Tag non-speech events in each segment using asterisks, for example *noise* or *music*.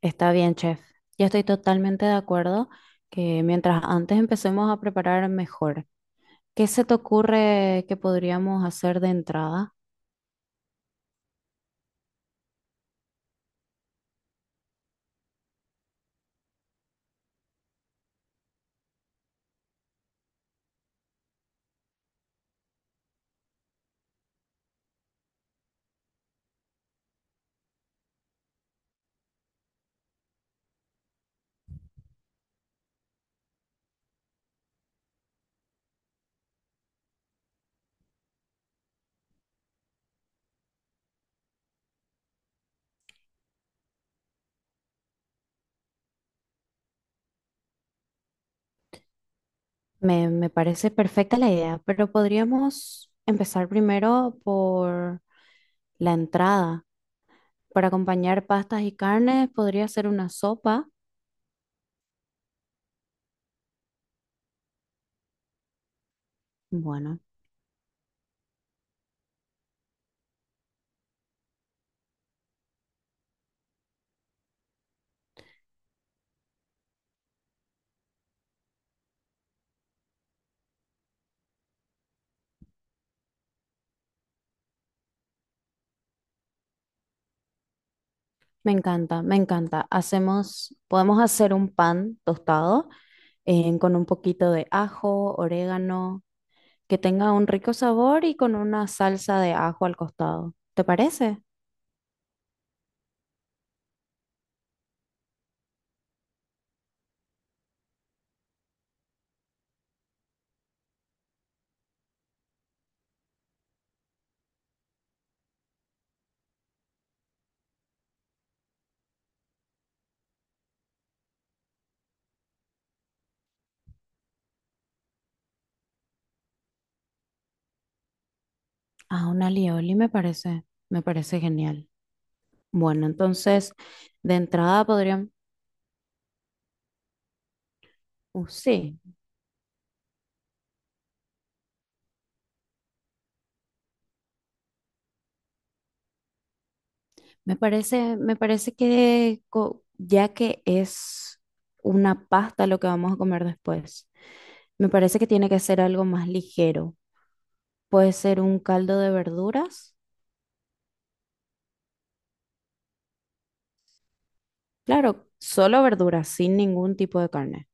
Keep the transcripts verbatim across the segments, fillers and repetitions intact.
Está bien, chef. Yo estoy totalmente de acuerdo que mientras antes empecemos a preparar mejor. ¿Qué se te ocurre que podríamos hacer de entrada? Me, me parece perfecta la idea, pero podríamos empezar primero por la entrada. Para acompañar pastas y carnes, podría ser una sopa. Bueno, me encanta, me encanta. Hacemos, podemos hacer un pan tostado eh, con un poquito de ajo, orégano que tenga un rico sabor y con una salsa de ajo al costado. ¿Te parece? Ah, un alioli me parece, me parece genial. Bueno, entonces de entrada podrían, uh, sí, me parece, me parece que co- ya que es una pasta lo que vamos a comer después, me parece que tiene que ser algo más ligero. Puede ser un caldo de verduras, claro, solo verduras, sin ningún tipo de carne.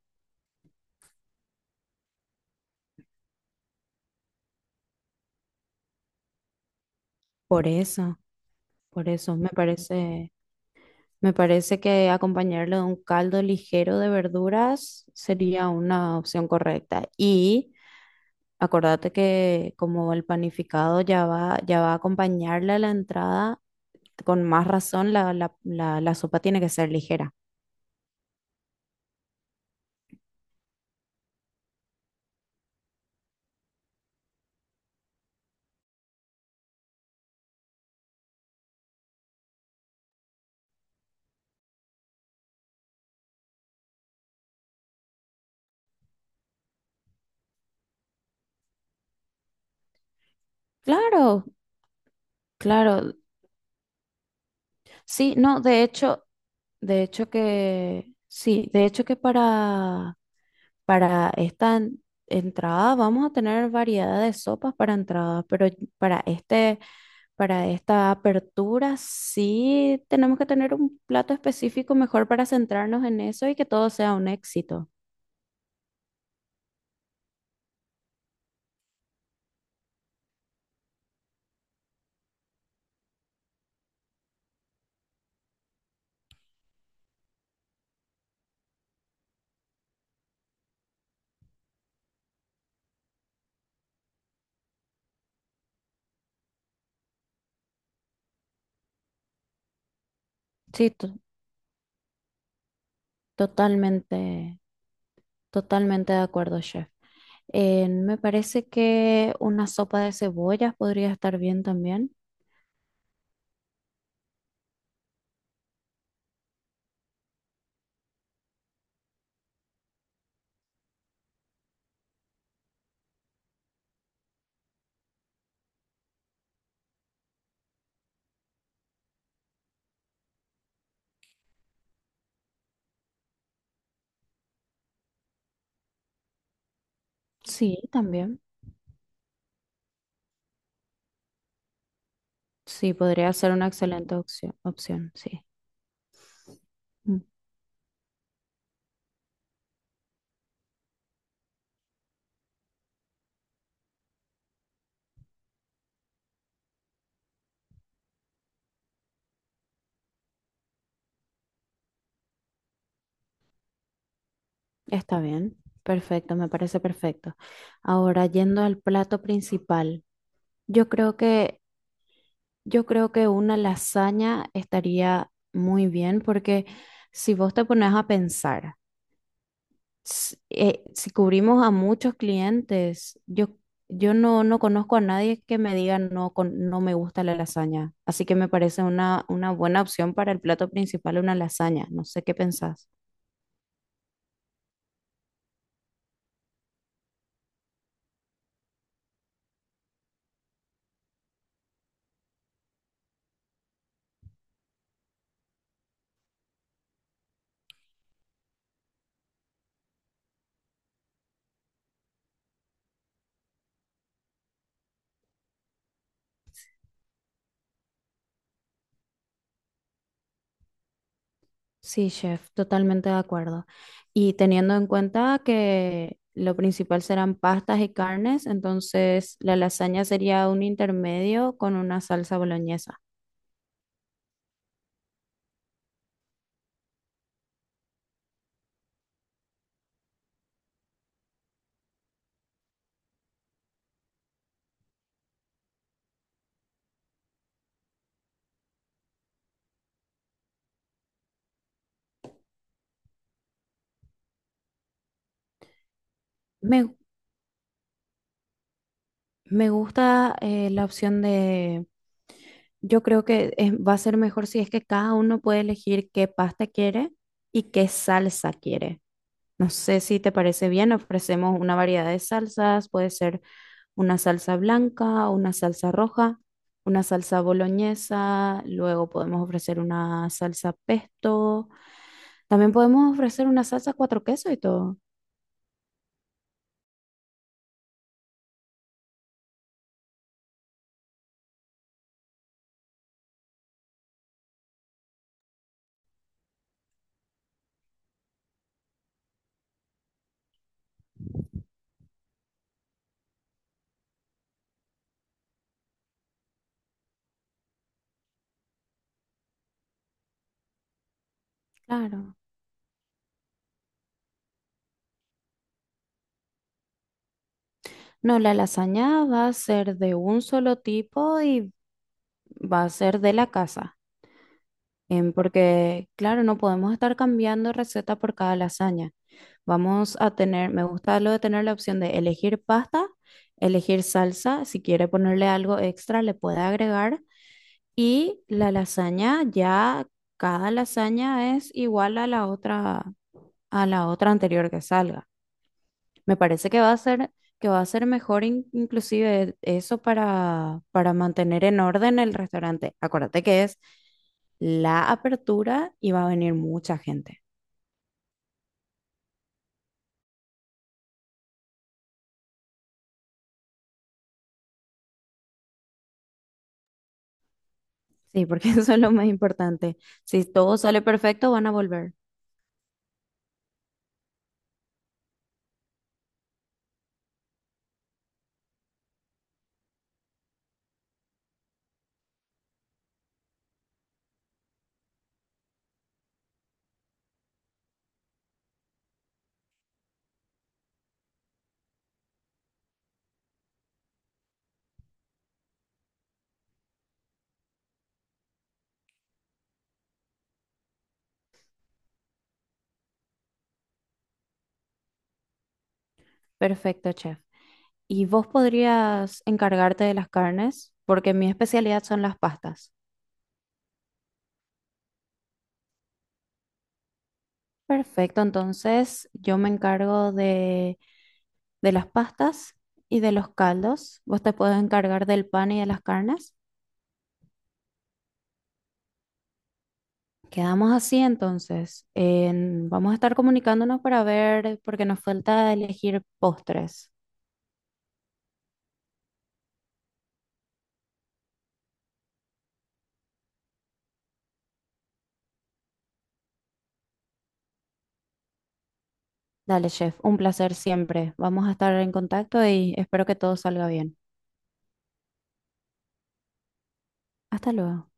Por eso, por eso me parece. Me parece que acompañarlo de un caldo ligero de verduras sería una opción correcta. Y acordate que como el panificado ya va, ya va a acompañarle a la entrada, con más razón la, la, la, la sopa tiene que ser ligera. Claro, claro. Sí, no, de hecho, de hecho que, sí, de hecho que para... Para esta en- entrada vamos a tener variedad de sopas para entradas, pero para este, para esta apertura sí tenemos que tener un plato específico mejor para centrarnos en eso y que todo sea un éxito. Sí, to- totalmente, totalmente de acuerdo, chef. Eh, me parece que una sopa de cebollas podría estar bien también. Sí, también. Sí, podría ser una excelente opción, opción, sí. Está bien, perfecto, me parece perfecto. Ahora, yendo al plato principal, yo creo que, yo creo que una lasaña estaría muy bien porque si vos te pones a pensar, s- eh, si cubrimos a muchos clientes, yo, yo no, no conozco a nadie que me diga no, con, no me gusta la lasaña. Así que me parece una, una buena opción para el plato principal, una lasaña. No sé qué pensás. Sí, chef, totalmente de acuerdo. Y teniendo en cuenta que lo principal serán pastas y carnes, entonces la lasaña sería un intermedio con una salsa boloñesa. Me, me gusta eh, la opción de, yo creo que es- va a ser mejor si es que cada uno puede elegir qué pasta quiere y qué salsa quiere. No sé si te parece bien, ofrecemos una variedad de salsas, puede ser una salsa blanca, una salsa roja, una salsa boloñesa, luego podemos ofrecer una salsa pesto, también podemos ofrecer una salsa cuatro quesos y todo. Claro. No, la lasaña va a ser de un solo tipo y va a ser de la casa, em, porque claro, no podemos estar cambiando receta por cada lasaña. Vamos a tener, me gusta lo de tener la opción de elegir pasta, elegir salsa, si quiere ponerle algo extra, le puede agregar. Y la lasaña ya, cada lasaña es igual a la otra, a la otra anterior que salga. Me parece que va a ser, que va a ser mejor in- inclusive eso para, para mantener en orden el restaurante. Acuérdate que es la apertura y va a venir mucha gente. Sí, porque *laughs* eso es lo más importante. Si todo sale perfecto, van a volver. Perfecto, chef. ¿Y vos podrías encargarte de las carnes? Porque mi especialidad son las pastas. Perfecto, entonces yo me encargo de, de las pastas y de los caldos. Vos te puedes encargar del pan y de las carnes. Quedamos así entonces. En- vamos a estar comunicándonos para ver, porque nos falta elegir postres. Dale, chef, un placer siempre. Vamos a estar en contacto y espero que todo salga bien. Hasta luego.